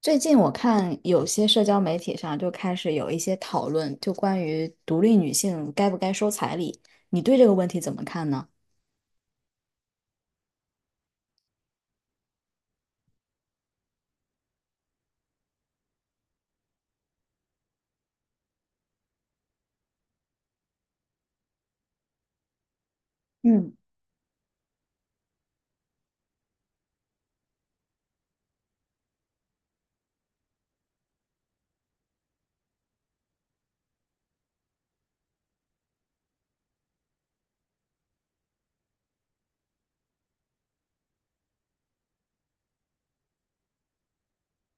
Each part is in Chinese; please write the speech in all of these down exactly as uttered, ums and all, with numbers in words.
最近我看有些社交媒体上就开始有一些讨论，就关于独立女性该不该收彩礼，你对这个问题怎么看呢？嗯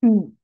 嗯，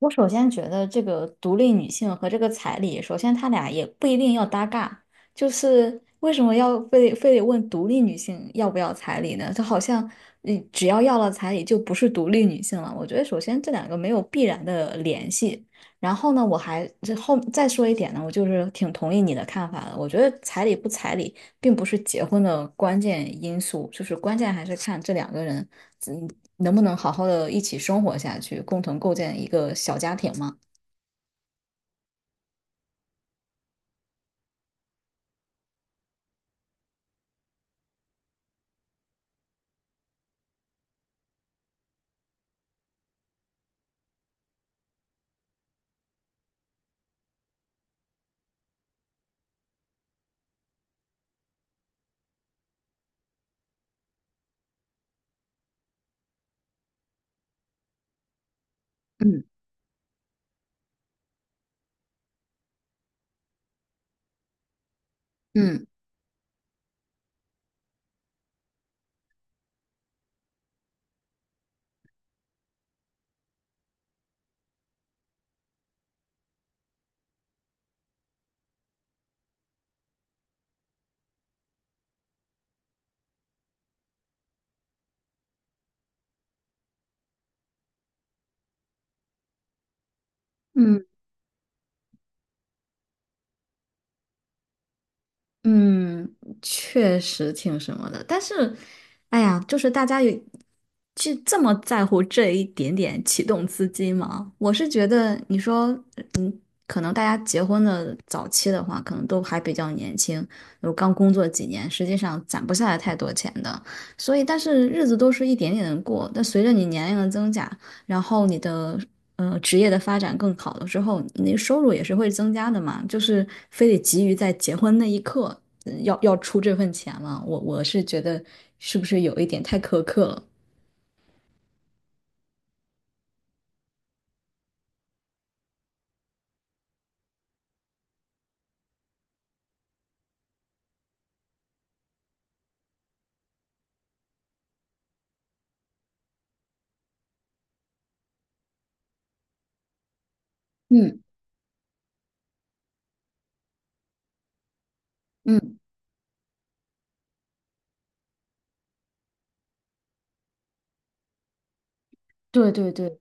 我首先觉得这个独立女性和这个彩礼，首先他俩也不一定要搭嘎，就是为什么要非得非得问独立女性要不要彩礼呢？就好像你只要要了彩礼就不是独立女性了。我觉得首先这两个没有必然的联系。然后呢，我还这后再说一点呢，我就是挺同意你的看法的。我觉得彩礼不彩礼并不是结婚的关键因素，就是关键还是看这两个人。嗯，能不能好好的一起生活下去，共同构建一个小家庭嘛？嗯嗯嗯嗯，确实挺什么的，但是，哎呀，就是大家有去这么在乎这一点点启动资金吗？我是觉得，你说，嗯，可能大家结婚的早期的话，可能都还比较年轻，有刚工作几年，实际上攒不下来太多钱的，所以，但是日子都是一点点的过，但随着你年龄的增加。然后你的呃职业的发展更好了之后，你的收入也是会增加的嘛，就是非得急于在结婚那一刻嗯要要出这份钱了，我我是觉得是不是有一点太苛刻了？嗯嗯，对对对，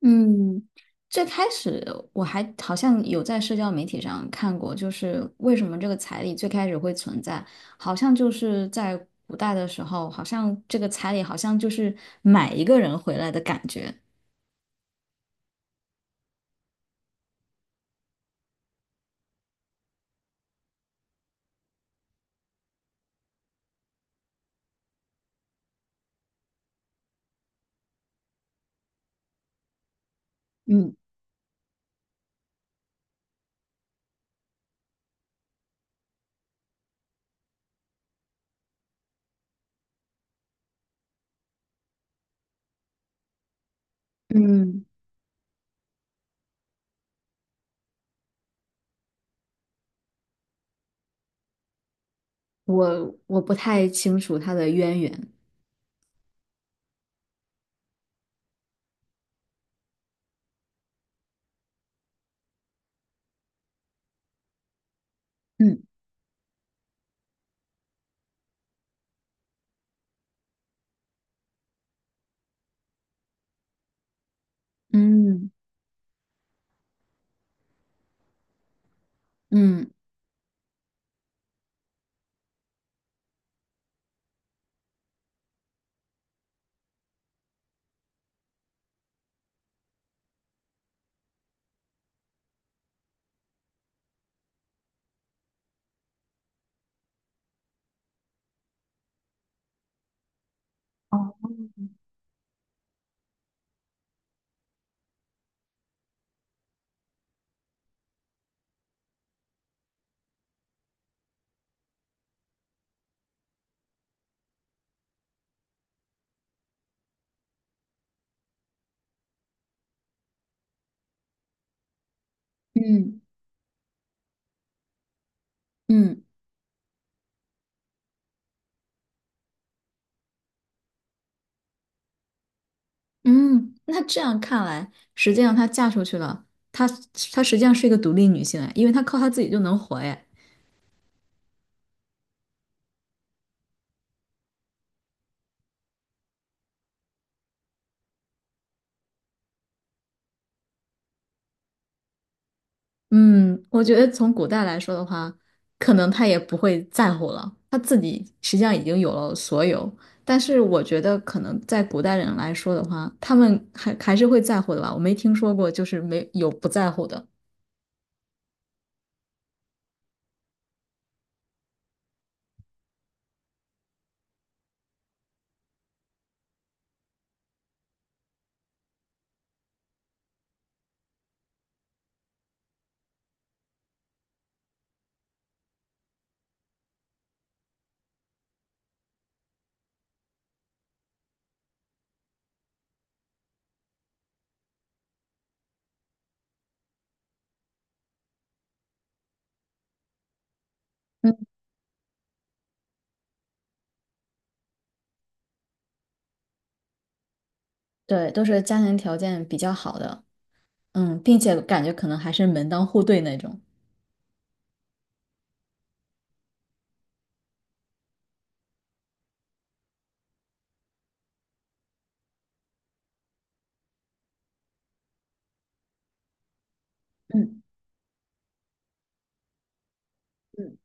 嗯，最开始我还好像有在社交媒体上看过，就是为什么这个彩礼最开始会存在，好像就是在古代的时候，好像这个彩礼好像就是买一个人回来的感觉。嗯。嗯，我我不太清楚她的渊源。嗯嗯嗯嗯嗯嗯，那这样看来，实际上她嫁出去了，她她实际上是一个独立女性哎，因为她靠她自己就能活哎。嗯，我觉得从古代来说的话，可能她也不会在乎了，她自己实际上已经有了所有。但是我觉得，可能在古代人来说的话，他们还还是会在乎的吧。我没听说过就是没有不在乎的。对，都是家庭条件比较好的，嗯，并且感觉可能还是门当户对那种。嗯，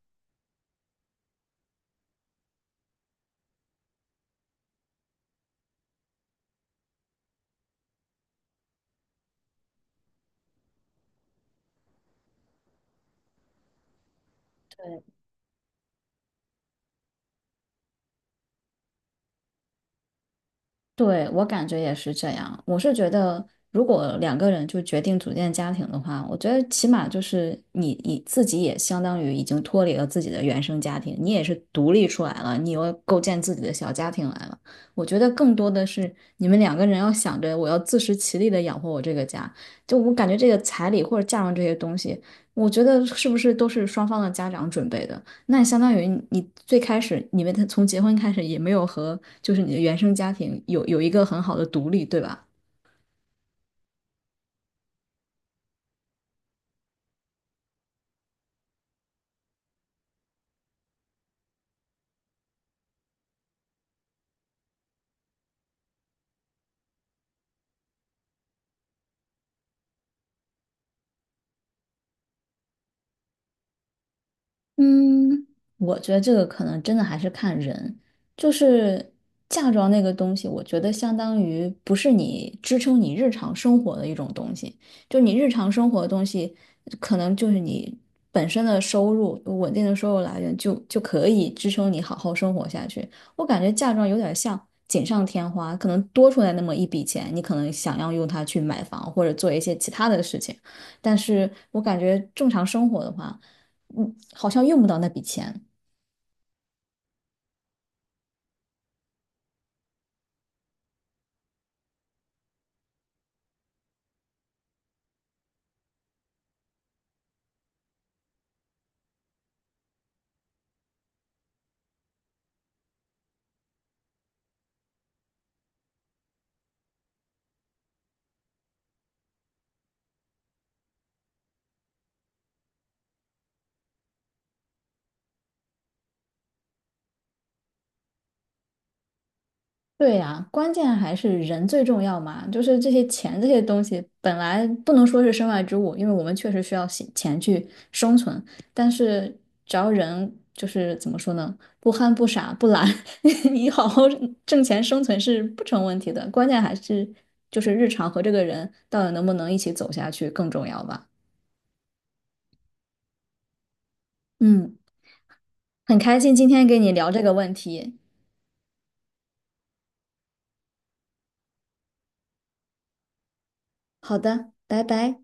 对。对，我感觉也是这样。我是觉得，如果两个人就决定组建家庭的话，我觉得起码就是你你自己也相当于已经脱离了自己的原生家庭，你也是独立出来了，你又构建自己的小家庭来了。我觉得更多的是你们两个人要想着我要自食其力的养活我这个家。就我感觉这个彩礼或者嫁妆这些东西，我觉得是不是都是双方的家长准备的？那相当于你最开始你们从结婚开始也没有和就是你的原生家庭有有一个很好的独立，对吧？嗯，我觉得这个可能真的还是看人，就是嫁妆那个东西，我觉得相当于不是你支撑你日常生活的一种东西，就你日常生活的东西，可能就是你本身的收入，稳定的收入来源就就可以支撑你好好生活下去。我感觉嫁妆有点像锦上添花，可能多出来那么一笔钱，你可能想要用它去买房或者做一些其他的事情，但是我感觉正常生活的话。嗯，好像用不到那笔钱。对呀，关键还是人最重要嘛，就是这些钱这些东西本来不能说是身外之物，因为我们确实需要钱钱去生存，但是只要人就是怎么说呢，不憨不傻不懒，你好好挣钱生存是不成问题的，关键还是就是日常和这个人到底能不能一起走下去更重要吧。嗯，很开心今天跟你聊这个问题。好的，拜拜。